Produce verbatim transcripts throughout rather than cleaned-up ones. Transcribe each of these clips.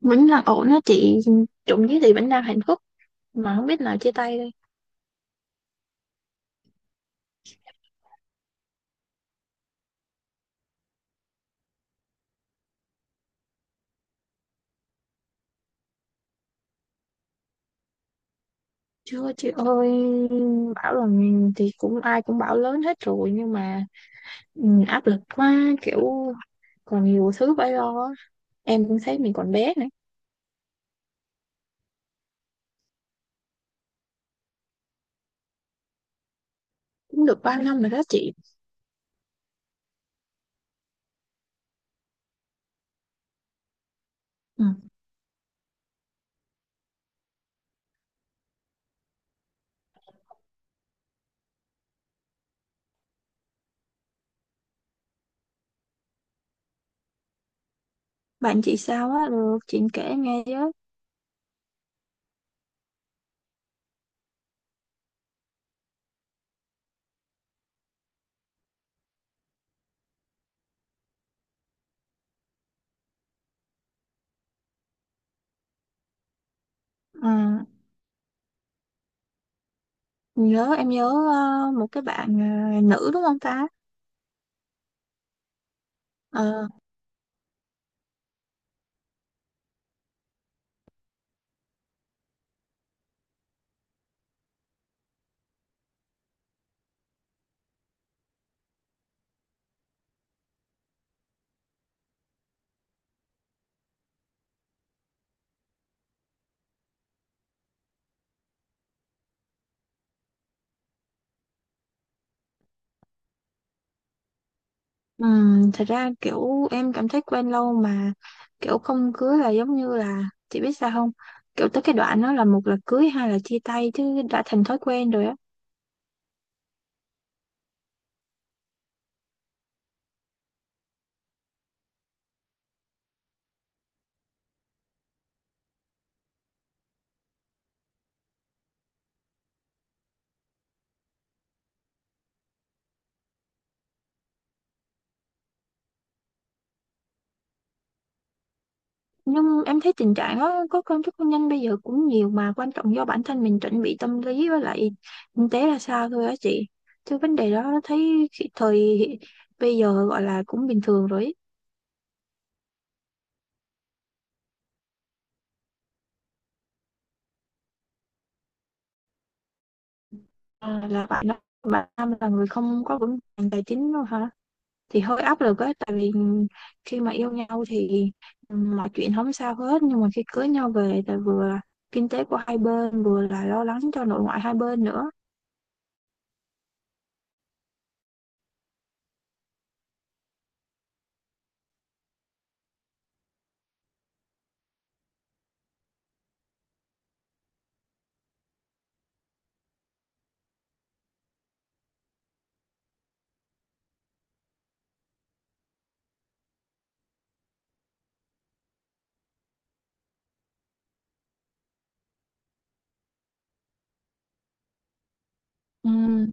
Vẫn là ổn á chị. Trộm vía thì vẫn đang hạnh phúc, mà không biết nào chia tay đây. Chưa chị ơi. Bảo là thì cũng ai cũng bảo lớn hết rồi nhưng mà ừ, áp lực quá, kiểu còn nhiều thứ phải lo á. Em cũng thấy mình còn bé nữa. Cũng được ba năm rồi đó chị. Ừ. Bạn chị sao á, được chị kể nghe với. Ờ, nhớ, em nhớ. Ờ, một cái bạn ờ, nữ đúng không ta? Ờ. Ừm, thật ra kiểu em cảm thấy quen lâu mà kiểu không cưới là giống như là, chị biết sao không, kiểu tới cái đoạn đó là một là cưới hai là chia tay chứ đã thành thói quen rồi á. Nhưng em thấy tình trạng đó có công thức hôn nhân bây giờ cũng nhiều, mà quan trọng do bản thân mình chuẩn bị tâm lý với lại kinh tế ra sao thôi á chị. Chứ vấn đề đó thấy khi- thời bây giờ gọi là cũng bình thường rồi ý. À, là bạn đó, bạn Nam là người không có vững vàng tài chính đâu hả? Thì hơi áp lực á, tại vì khi mà yêu nhau thì mọi chuyện không sao hết, nhưng mà khi cưới nhau về thì vừa là kinh tế của hai bên vừa là lo lắng cho nội ngoại hai bên nữa. Ừm.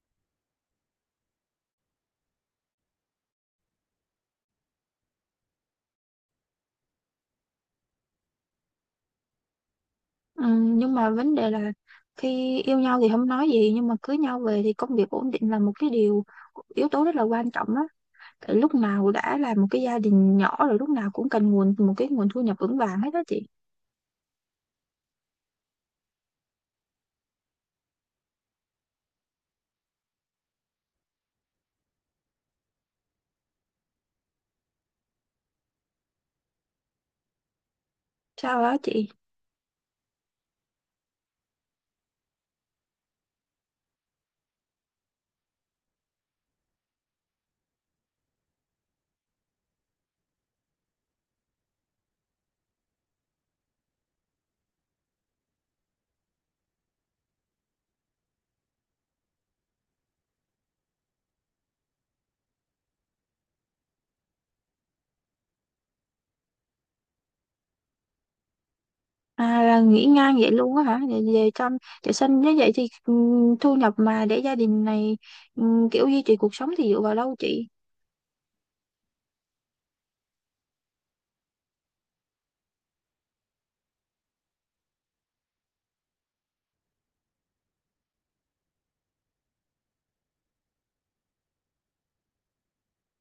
ừm, Nhưng mà vấn đề là khi yêu nhau thì không nói gì nhưng mà cưới nhau về thì công việc ổn định là một cái điều, yếu tố rất là quan trọng đó. Tại lúc nào đã là một cái gia đình nhỏ rồi lúc nào cũng cần nguồn, một cái nguồn thu nhập vững vàng hết đó chị. Sao đó chị? À, là nghỉ ngang vậy luôn á hả? Vậy, về trong để sinh như vậy thì ừm, thu nhập mà để gia đình này ừm, kiểu duy trì cuộc sống thì dựa vào đâu chị?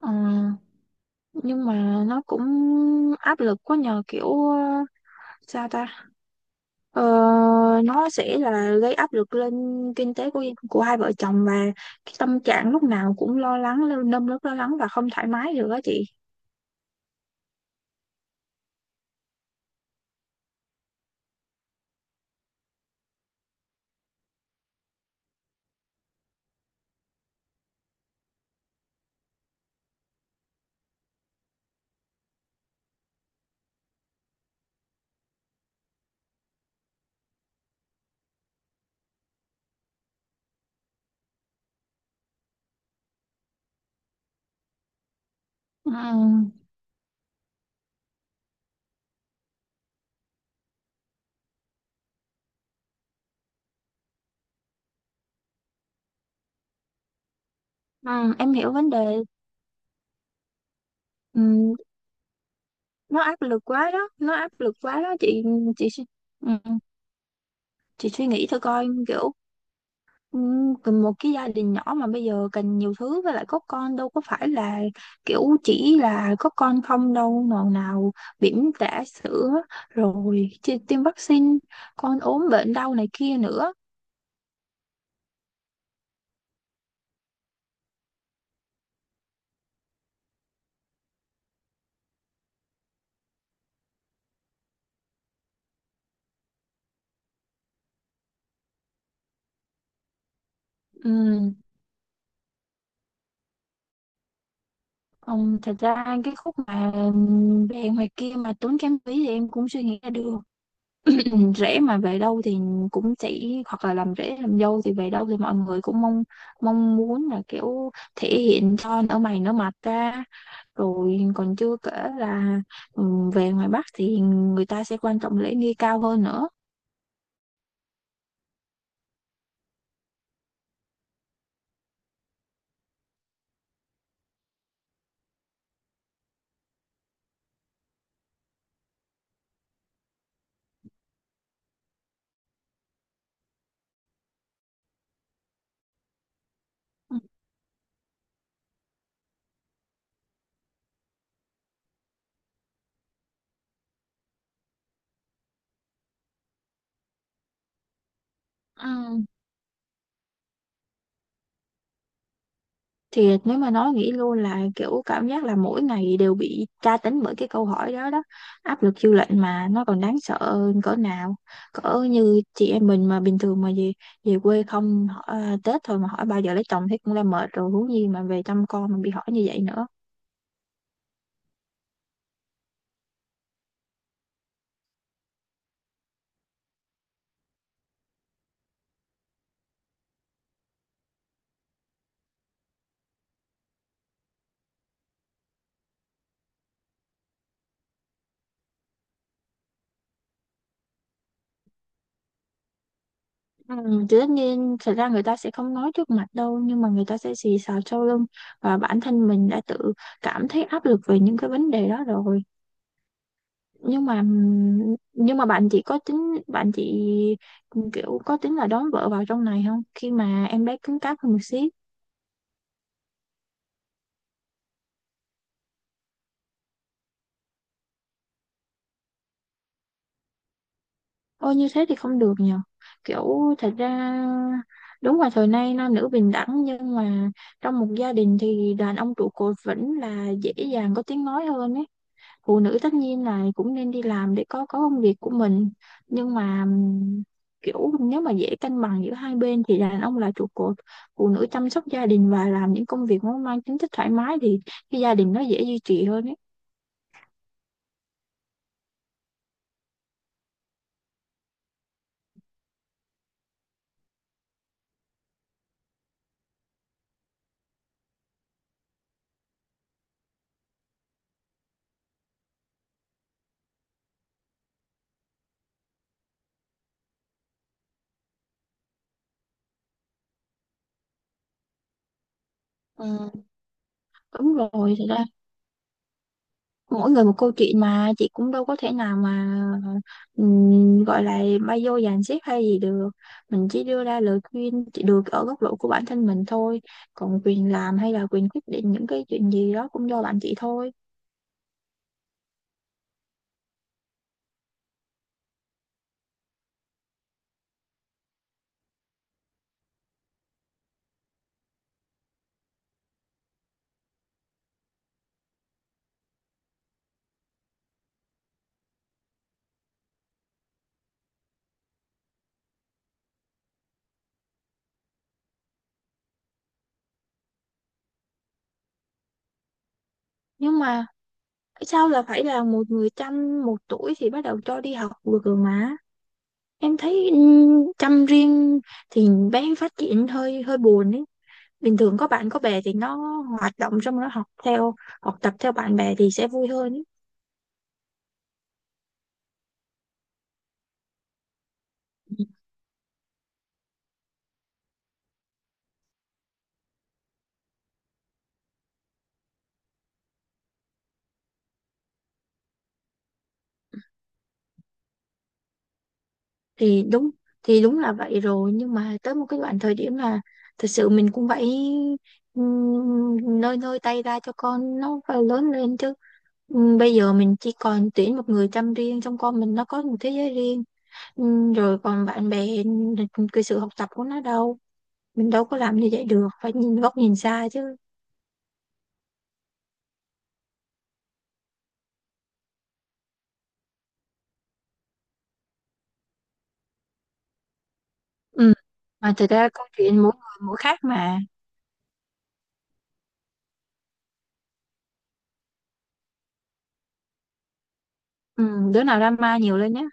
Ờ, nhưng mà nó cũng áp lực quá nhờ, kiểu ờ, sao ta? Ờ, nó sẽ là gây áp lực lên kinh tế của của hai vợ chồng, và cái tâm trạng lúc nào cũng lo lắng, lo- nơm nớp lo lắng và không thoải mái được á chị. Ừ. ừ, em hiểu vấn đề. Ừ, nó áp lực quá đó, nó áp lực quá đó chị. Ừ, chị suy- Ừ. Chị suy nghĩ thôi coi, kiểu ừm, cần một cái gia đình nhỏ mà bây giờ cần nhiều thứ, với lại có con đâu có phải là kiểu chỉ là có con không đâu, nào nào bỉm trả sữa, rồi chi- tiêm vaccine, con ốm bệnh đau này kia nữa. Ừm. Ừm, thật ra cái khúc mà ừm, về ngoài kia mà tốn kém phí thì em cũng suy nghĩ ra được. Rễ mà về đâu thì cũng chỉ, hoặc là làm rễ làm dâu thì về đâu thì mọi người cũng mong, mong muốn là kiểu thể hiện cho nở mày nở mặt ra. Rồi còn chưa kể là ừ, về ngoài Bắc thì người ta sẽ quan trọng lễ nghi cao hơn nữa. Ừ. Thì nếu mà nói nghĩ luôn là kiểu cảm giác là mỗi ngày đều bị tra tấn bởi cái câu hỏi đó đó, áp lực dư luận mà nó còn đáng sợ hơn cỡ nào. Cỡ như chị em mình mà bình thường mà về về quê không hỏi, à, Tết thôi mà hỏi bao giờ lấy chồng thấy cũng đã mệt rồi, huống gì mà về chăm con mà bị hỏi như vậy nữa. Ừ, thì tất nhiên thật ra người ta sẽ không nói trước mặt đâu nhưng mà người ta sẽ xì xào sau lưng, và bản thân mình đã tự cảm thấy áp lực về những cái vấn đề đó rồi. Nhưng mà nhưng mà bạn chị có tính, bạn chị kiểu có tính là đón vợ vào trong này không, khi mà em bé cứng cáp hơn một xíu? Ôi như thế thì không được nhờ, kiểu thật ra đúng là thời nay nam nữ bình đẳng nhưng mà trong một gia đình thì đàn ông trụ cột vẫn là dễ dàng có tiếng nói hơn ấy. Phụ nữ tất nhiên là cũng nên đi làm để có có công việc của mình, nhưng mà ừm, kiểu nếu mà dễ cân bằng giữa hai bên thì đàn ông là trụ cột, phụ nữ chăm sóc gia đình và làm những công việc nó mang tính chất thoải mái thì cái gia đình nó dễ duy trì hơn ấy. Ừ. Đúng rồi, thật ra mỗi người một câu chuyện mà, chị cũng đâu có thể nào mà ừm, gọi là bay vô dàn xếp hay gì được. Mình chỉ đưa ra lời khuyên chỉ được ở góc độ của bản thân mình thôi, còn quyền làm hay là quyền quyết định những cái chuyện gì đó cũng do bạn chị thôi. Nhưng mà sao là phải là một người chăm, một tuổi thì bắt đầu cho đi học được rồi mà. Em thấy ừm, chăm riêng thì bé phát triển hơi hơi buồn ấy. Bình thường có bạn có bè thì nó hoạt động, xong nó học theo, học tập theo bạn bè thì sẽ vui hơn ấy. Thì đúng, thì đúng là vậy rồi nhưng mà tới một cái đoạn thời điểm là thật sự mình cũng phải ừm, nơi nơi tay ra cho con nó phải lớn lên chứ. Ừm, bây giờ mình chỉ còn tuyển một người chăm riêng trong con mình, nó có một thế giới riêng. Ừm, rồi còn bạn bè, cái sự học tập của nó đâu, mình đâu có làm như vậy được, phải nhìn góc nhìn xa chứ. Ừm, mà thật ra câu chuyện mỗi người mỗi khác mà. Ừm, đứa nào drama nhiều lên nhé.